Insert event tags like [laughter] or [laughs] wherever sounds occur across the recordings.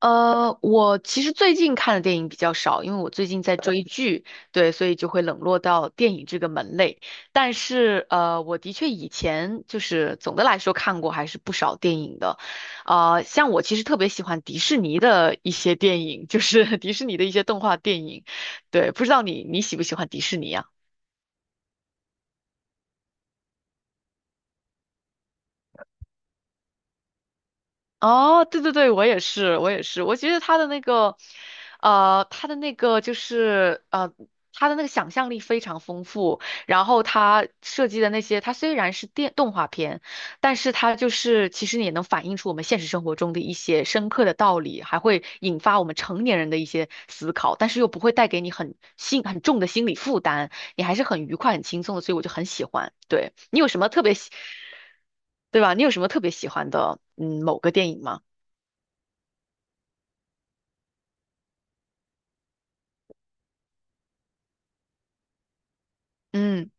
我其实最近看的电影比较少，因为我最近在追剧，对，所以就会冷落到电影这个门类。但是，我的确以前就是总的来说看过还是不少电影的，像我其实特别喜欢迪士尼的一些电影，就是 [laughs] 迪士尼的一些动画电影，对，不知道你喜不喜欢迪士尼啊？哦，对对对，我也是，我也是，我觉得他的那个，他的那个就是,他的那个想象力非常丰富，然后他设计的那些，他虽然是电动画片，但是他就是其实也能反映出我们现实生活中的一些深刻的道理，还会引发我们成年人的一些思考，但是又不会带给你很心很重的心理负担。你还是很愉快、很轻松的，所以我就很喜欢。对，你有什么特别喜，对吧？你有什么特别喜欢的，嗯，某个电影吗？嗯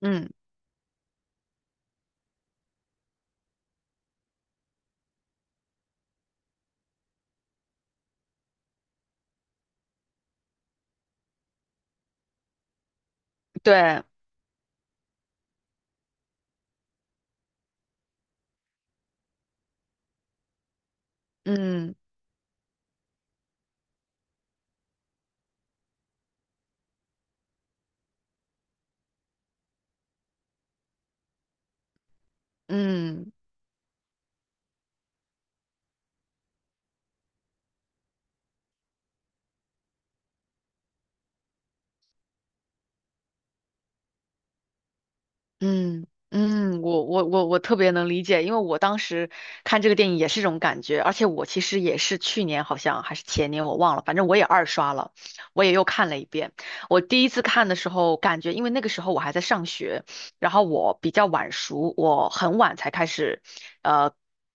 嗯，对，嗯嗯。嗯嗯,我特别能理解，因为我当时看这个电影也是这种感觉，而且我其实也是去年好像还是前年我忘了，反正我也二刷了，我也又看了一遍。我第一次看的时候，感觉因为那个时候我还在上学，然后我比较晚熟，我很晚才开始，呃，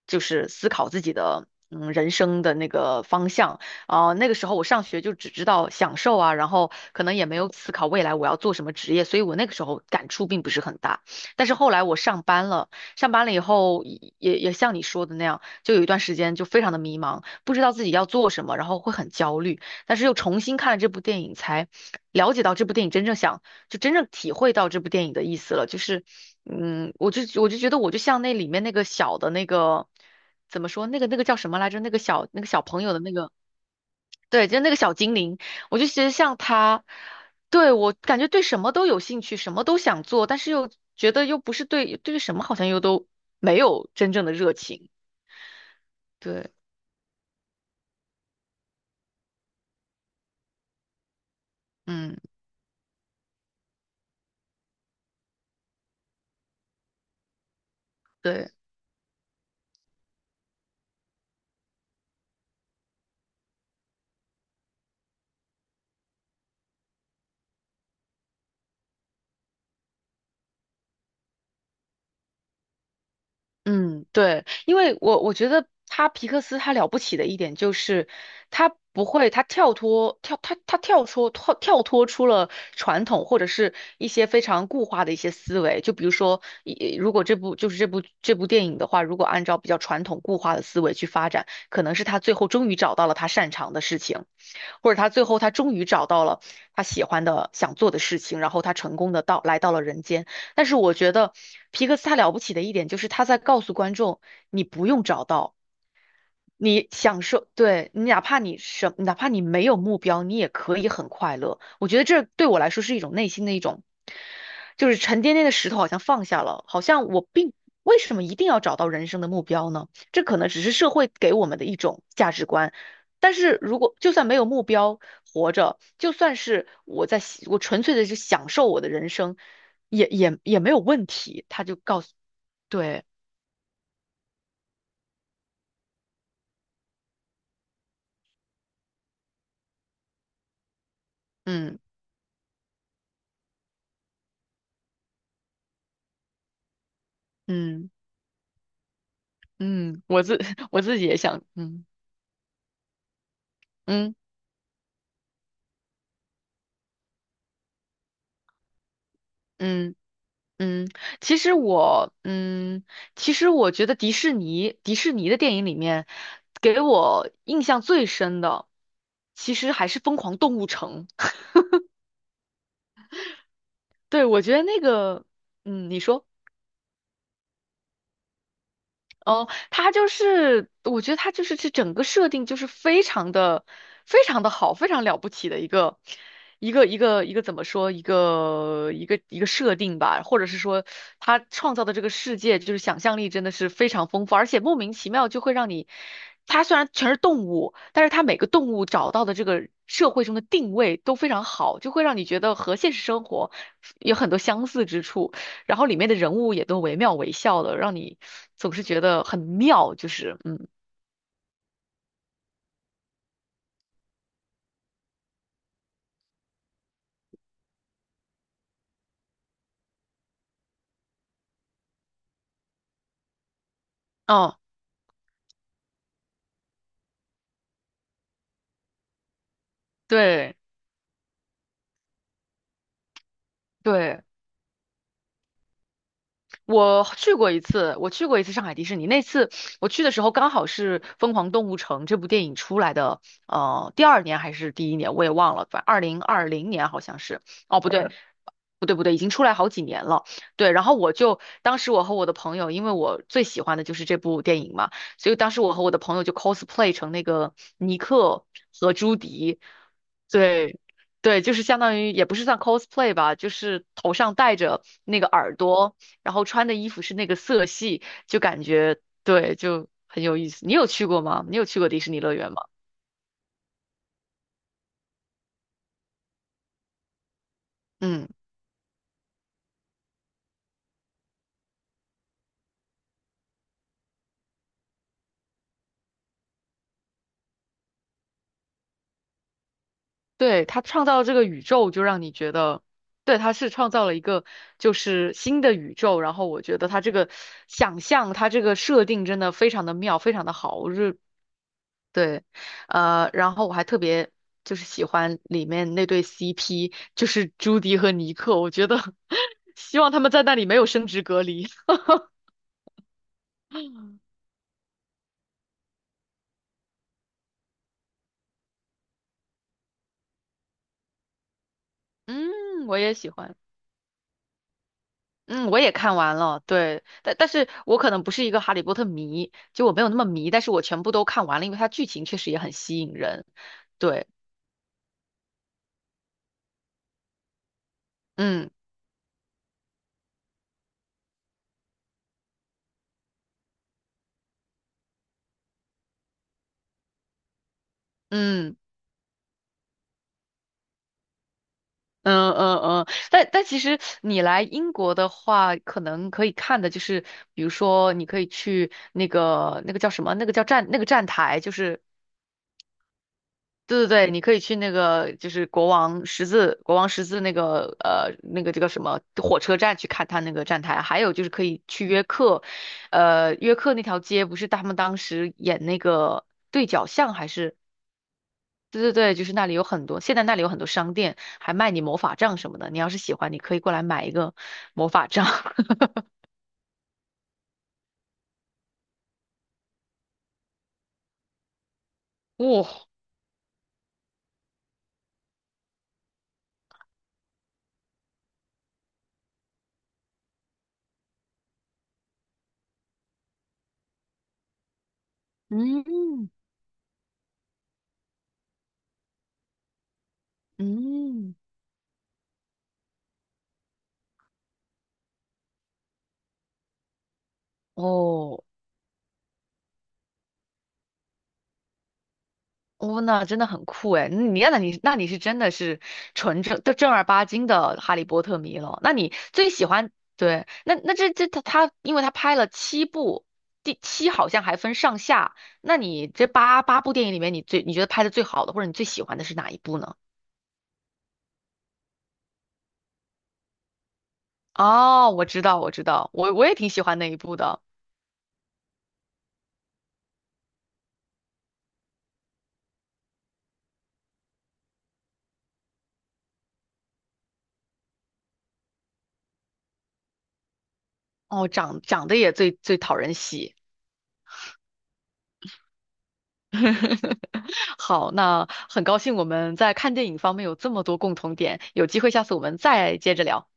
就是思考自己的嗯人生的那个方向。那个时候我上学就只知道享受啊，然后可能也没有思考未来我要做什么职业，所以我那个时候感触并不是很大。但是后来我上班了，上班了以后也像你说的那样，就有一段时间就非常的迷茫，不知道自己要做什么，然后会很焦虑。但是又重新看了这部电影，才了解到这部电影真正想，就真正体会到这部电影的意思了。就是，嗯，我就觉得我就像那里面那个小的那个，怎么说，那个叫什么来着？那个小朋友的那个。对，就那个小精灵，我就觉得像他，对，我感觉对什么都有兴趣，什么都想做，但是又觉得又不是对什么好像又都没有真正的热情。对，嗯，对。嗯，对，因为我觉得他皮克斯他了不起的一点就是他不会，他跳脱出了传统或者是一些非常固化的一些思维，就比如说，一如果这部就是这部这部电影的话，如果按照比较传统固化的思维去发展，可能是他最后终于找到了他擅长的事情。或者他最后他终于找到了他喜欢的、想做的事情，然后他成功的到来到了人间。但是我觉得皮克斯他了不起的一点就是他在告诉观众，你不用找到。你享受，对，你哪怕你什，哪怕你没有目标，你也可以很快乐。我觉得这对我来说是一种内心的一种，就是沉甸甸的石头好像放下了，好像我并，为什么一定要找到人生的目标呢？这可能只是社会给我们的一种价值观。但是如果就算没有目标活着，就算是我在喜我纯粹的是享受我的人生，也没有问题。他就告诉，对，嗯嗯。嗯，我自 [laughs] 我自己也想，嗯嗯嗯嗯，其实我，嗯，其实我觉得迪士尼的电影里面，给我印象最深的，其实还是《疯狂动物城》。对，我觉得那个，嗯，你说。哦，他就是，我觉得他就是这整个设定就是非常的、非常的好，非常了不起的一个怎么说？一个设定吧，或者是说他创造的这个世界，就是想象力真的是非常丰富，而且莫名其妙就会让你，它虽然全是动物，但是它每个动物找到的这个社会中的定位都非常好，就会让你觉得和现实生活有很多相似之处。然后里面的人物也都惟妙惟肖的，让你总是觉得很妙，就是嗯，哦，对对。我去过一次，我去过一次上海迪士尼。那次我去的时候，刚好是《疯狂动物城》这部电影出来的，第二年还是第一年，我也忘了，反正二零二零年好像是。哦，不对，不对，不对，已经出来好几年了。对，然后我就当时我和我的朋友，因为我最喜欢的就是这部电影嘛，所以当时我和我的朋友就 cosplay 成那个尼克和朱迪。对。对，就是相当于也不是算 cosplay 吧，就是头上戴着那个耳朵，然后穿的衣服是那个色系，就感觉对，就很有意思。你有去过吗？你有去过迪士尼乐园吗？嗯，对，他创造这个宇宙，就让你觉得，对，他是创造了一个就是新的宇宙。然后我觉得他这个想象，他这个设定真的非常的妙，非常的好。我是对，然后我还特别。就是喜欢里面那对 CP,就是朱迪和尼克，我觉得 [laughs] 希望他们在那里没有生殖隔离。[laughs] 嗯，我也喜欢。嗯，我也看完了，对，但是我可能不是一个哈利波特迷，就我没有那么迷，但是我全部都看完了，因为它剧情确实也很吸引人，对，嗯嗯嗯嗯嗯，但其实你来英国的话，可能可以看的就是，比如说你可以去那个叫什么，那个叫站那个站台，就是对对对，你可以去那个就是国王十字那个那个这个什么火车站去看他那个站台，还有就是可以去约克，约克那条街不是他们当时演那个对角巷还是对对对，就是那里有很多，现在那里有很多商店还卖你魔法杖什么的，你要是喜欢，你可以过来买一个魔法杖。[laughs] 哇，嗯嗯哦，哦，那真的很酷哎！嗯你你是真的是纯正的正儿八经的哈利波特迷了。那你最喜欢对？那那这这他他，因为他拍了七部，第七好像还分上下。那你这八部电影里面，你最你觉得拍的最好的，或者你最喜欢的是哪一部呢？哦，我知道，我知道，我也挺喜欢那一部的。哦，长得也最最讨人喜。[laughs] 好，那很高兴我们在看电影方面有这么多共同点，有机会下次我们再接着聊。